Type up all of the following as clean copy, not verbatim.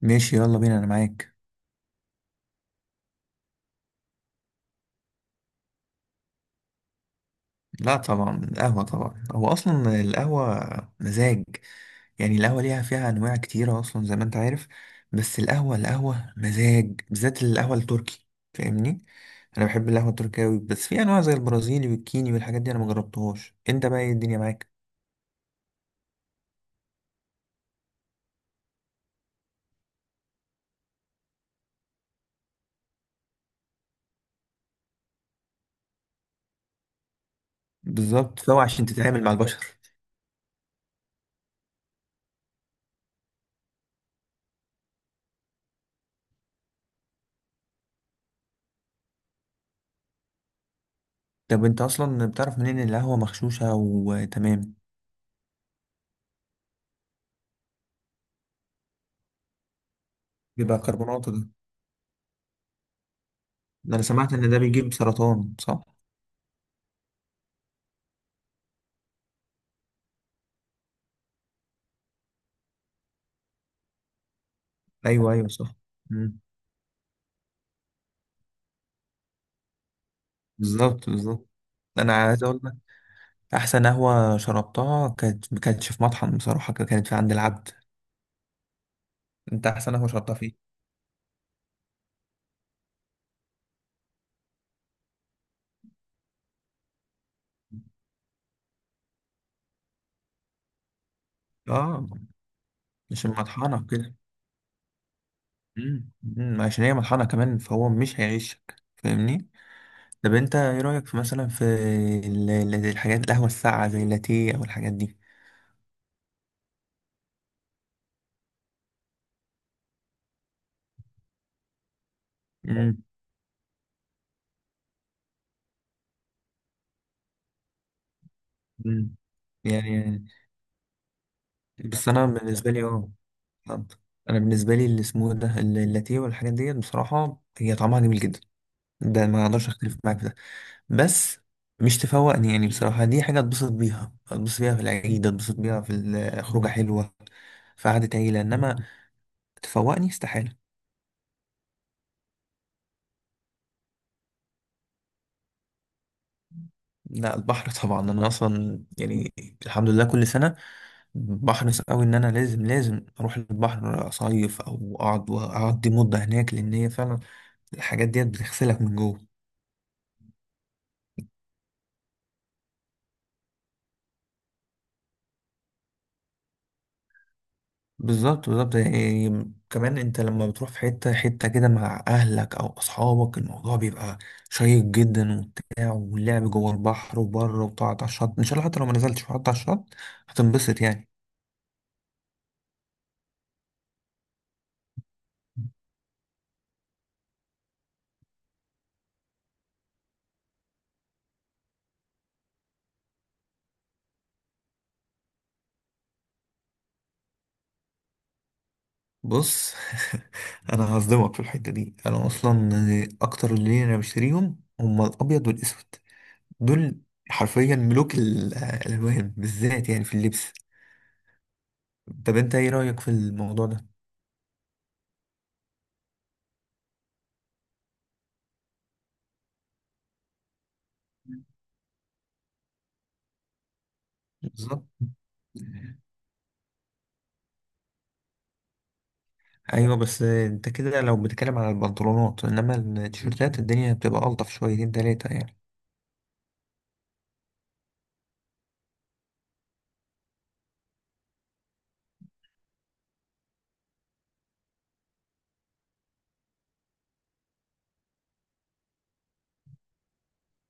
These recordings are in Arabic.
ماشي، يلا بينا، انا معاك. لا طبعا القهوة، طبعا هو اصلا القهوة مزاج. يعني القهوة ليها فيها انواع كتيرة اصلا زي ما انت عارف. بس القهوة مزاج، بالذات القهوة التركي، فاهمني. انا بحب القهوة التركية أوي، بس في انواع زي البرازيلي والكيني والحاجات دي انا مجربتهاش. انت بقى ايه الدنيا معاك؟ بالظبط، فهو عشان تتعامل مع البشر. طب انت اصلا بتعرف منين ان القهوة مغشوشة وتمام؟ بيبقى كربونات ده؟ ده انا سمعت ان ده بيجيب سرطان، صح؟ ايوه ايوه، صح. بالظبط بالظبط. انا عايز اقول لك، احسن قهوه شربتها كانت، ما كانتش في مطحن بصراحه، كانت في عند العبد. انت احسن قهوه شربتها فيه؟ اه. مش المطحنه كده؟ امم أمم، عشان هي مطحنه كمان، فهو مش هيعيشك، فاهمني. طب انت ايه رايك في مثلا في الحاجات، القهوه الساقعه زي اللاتيه او الحاجات دي؟ امم أمم. يعني بس انا بالنسبه لي، اه فهمت. انا بالنسبه لي، اللي اسمه إيه ده، اللاتيه والحاجات ديت، بصراحه هي طعمها جميل جدا، ده ما اقدرش اختلف معاك في ده. بس مش تفوقني يعني، بصراحة دي حاجة اتبسط بيها، اتبسط بيها في العيد، اتبسط بيها في الخروجة حلوة، في قعدة عيلة، انما تفوقني استحالة. لا، البحر طبعا، انا اصلا يعني الحمد لله كل سنة بحرص قوي ان انا لازم لازم اروح البحر اصيف، او اقعد واقضي مدة هناك، لان هي فعلا الحاجات ديت بتغسلك من جوه. بالظبط بالظبط، يعني كمان انت لما بتروح في حتة حتة كده مع اهلك او اصحابك، الموضوع بيبقى شيق جدا وبتاع، واللعب جوه البحر وبره، وتقعد على الشط ان شاء الله، حتى لو ما نزلتش وقعدت على الشط هتنبسط يعني. بص، انا هصدمك في الحتة دي، انا اصلا اكتر اللي انا بشتريهم هما الابيض والاسود، دول حرفيا ملوك الالوان، بالذات يعني في اللبس. طب انت ايه رأيك في الموضوع ده؟ بالظبط، ايوه، بس انت كده لو بتتكلم على البنطلونات، انما التيشيرتات الدنيا بتبقى الطف شويتين تلاتة يعني.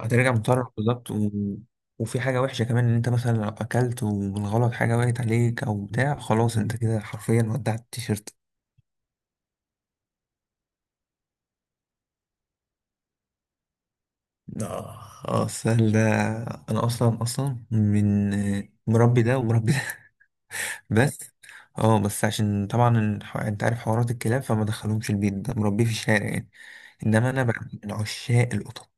هترجع مضطر بالظبط و... وفي حاجة وحشة كمان، ان انت مثلا لو اكلت وبالغلط حاجة وقعت عليك او بتاع، خلاص انت كده حرفيا ودعت التيشيرت. اه. السهل ده، انا اصلا من مربي ده ومربي ده. بس، عشان طبعا انت عارف حوارات الكلاب، فما دخلهمش البيت، ده مربيه في الشارع يعني. انما انا بقى من عشاق القطط،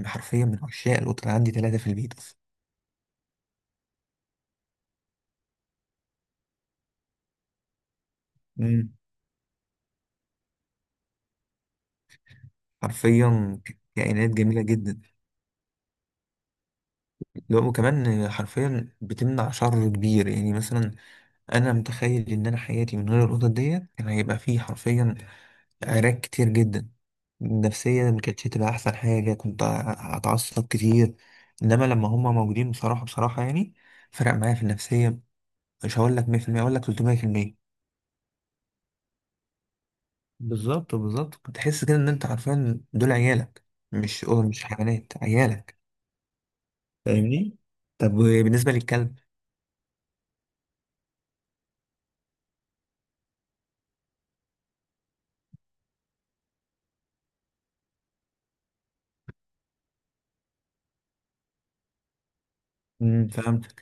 أنا حرفيا من عشاق القطط، عندي ثلاثة في البيت أصلا. امم حرفيا كائنات جميلة جدا. لو وكمان حرفيا بتمنع شر كبير، يعني مثلا أنا متخيل إن أنا حياتي من غير القطط ديت كان هيبقى فيه حرفيا عراك كتير جدا، نفسيا ما كانتش هتبقى أحسن حاجة، كنت هتعصب كتير. إنما لما هما موجودين، بصراحة بصراحة يعني، فرق معايا في النفسية. مش هقول لك 100%، أقول لك 300%. بالظبط بالظبط، بتحس كده ان انت عارفين دول عيالك، مش حيوانات، عيالك، فاهمني. طب بالنسبه للكلب؟ فهمت.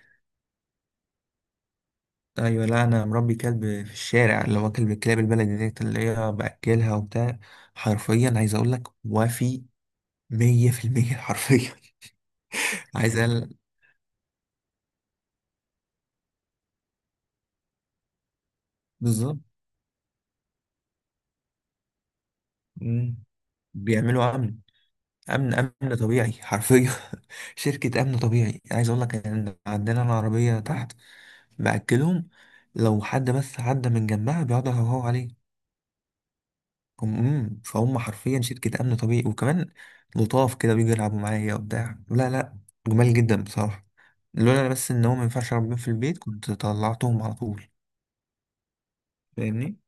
ايوه، لا انا مربي كلب في الشارع، اللي هو كلب الكلاب البلدي ديت اللي هي باكلها وبتاع. حرفيا عايز اقول لك وفي 100% حرفيا. عايز اقول بالظبط. مم. بيعملوا عمل امن طبيعي حرفيا. شركه امن طبيعي، عايز اقول لك ان عندنا العربيه تحت، باكلهم لو حد بس عدى من جنبها بيقعدوا يهوهوا عليه. هم، فهم حرفيا شركه امن طبيعي، وكمان لطاف كده بيجوا يلعبوا معايا وبتاع، لا لا، جمال جدا بصراحه. لولا بس ان هو ما ينفعش ربنا في البيت، كنت طلعتهم على طول، فاهمني.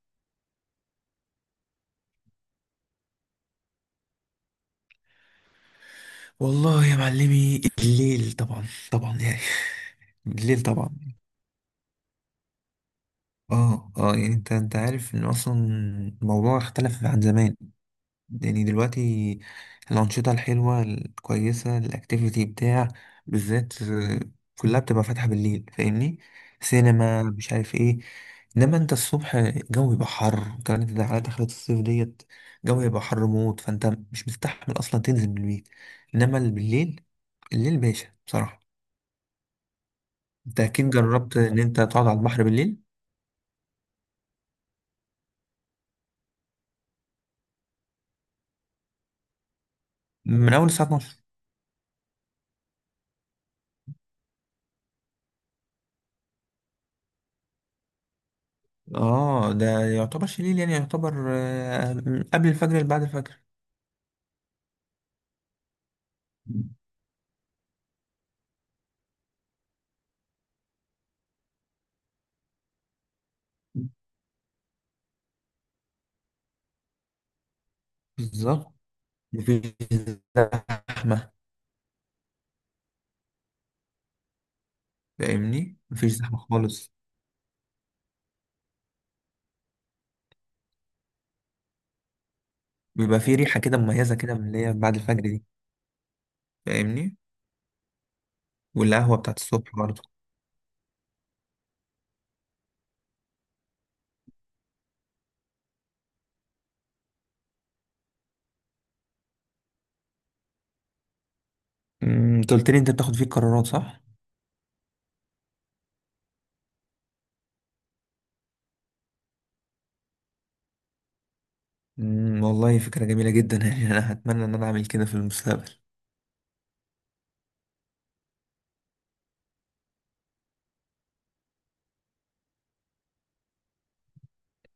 والله يا معلمي، الليل طبعا، طبعا يعني. الليل طبعا. اه يعني انت عارف ان اصلا الموضوع اختلف عن زمان. يعني دلوقتي الانشطه الحلوه الكويسه، الاكتيفيتي بتاع، بالذات كلها بتبقى فاتحه بالليل، فاهمني. سينما، مش عارف ايه. انما انت الصبح الجو يبقى حر، وكمان انت على دخلة الصيف ديت الجو يبقى حر موت، فانت مش مستحمل اصلا تنزل من البيت. انما اللي بالليل، الليل باشا بصراحه. انت اكيد جربت ان انت تقعد على البحر بالليل. من اول الساعه. اه ده يعتبر شليل، يعني يعتبر من قبل الفجر اللي بعد الفجر. بالظبط، مفيش زحمة، فاهمني، مفيش زحمة خالص. بيبقى في ريحة كده مميزة كده، من اللي هي بعد الفجر دي، فاهمني. والقهوة بتاعت الصبح برضه. انت قلت لي انت بتاخد فيه قرارات، صح؟ والله فكرة جميلة جدا، يعني انا هتمنى ان انا اعمل كده في المستقبل.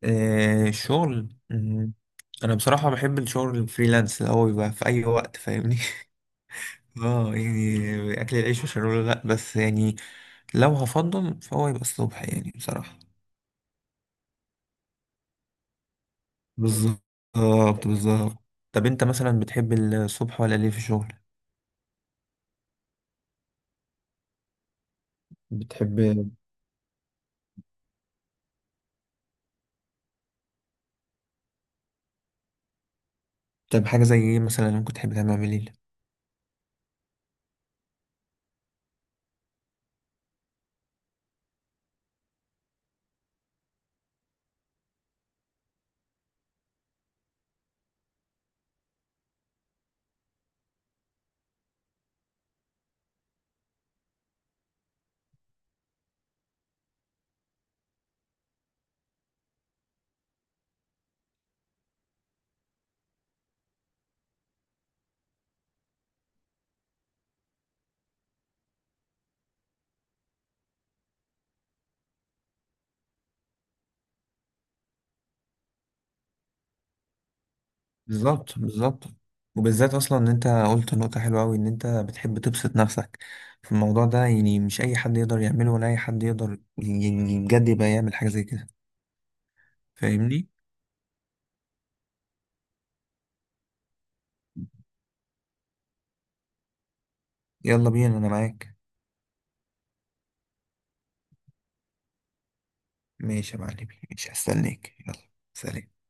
الشغل. انا بصراحة بحب الشغل الفريلانس، اللي هو بيبقى في اي وقت، فاهمني. اه يعني اكل العيش وشرب، لا بس يعني لو هفضل فهو يبقى الصبح يعني بصراحة. بالظبط بالظبط بالظبط. طب انت مثلا بتحب الصبح ولا الليل في الشغل؟ بتحب. طب حاجة زي ايه مثلا ممكن تحب تعملها بالليل؟ بالظبط بالظبط، وبالذات اصلا ان انت قلت نقطة حلوة اوي، ان انت بتحب تبسط نفسك في الموضوع ده، يعني مش اي حد يقدر يعمله، ولا اي حد يقدر يعني بجد يبقى يعمل حاجة زي كده، فاهمني. يلا بينا انا معاك. ماشي يا معلمي، ماشي، هستناك، يلا. سلام.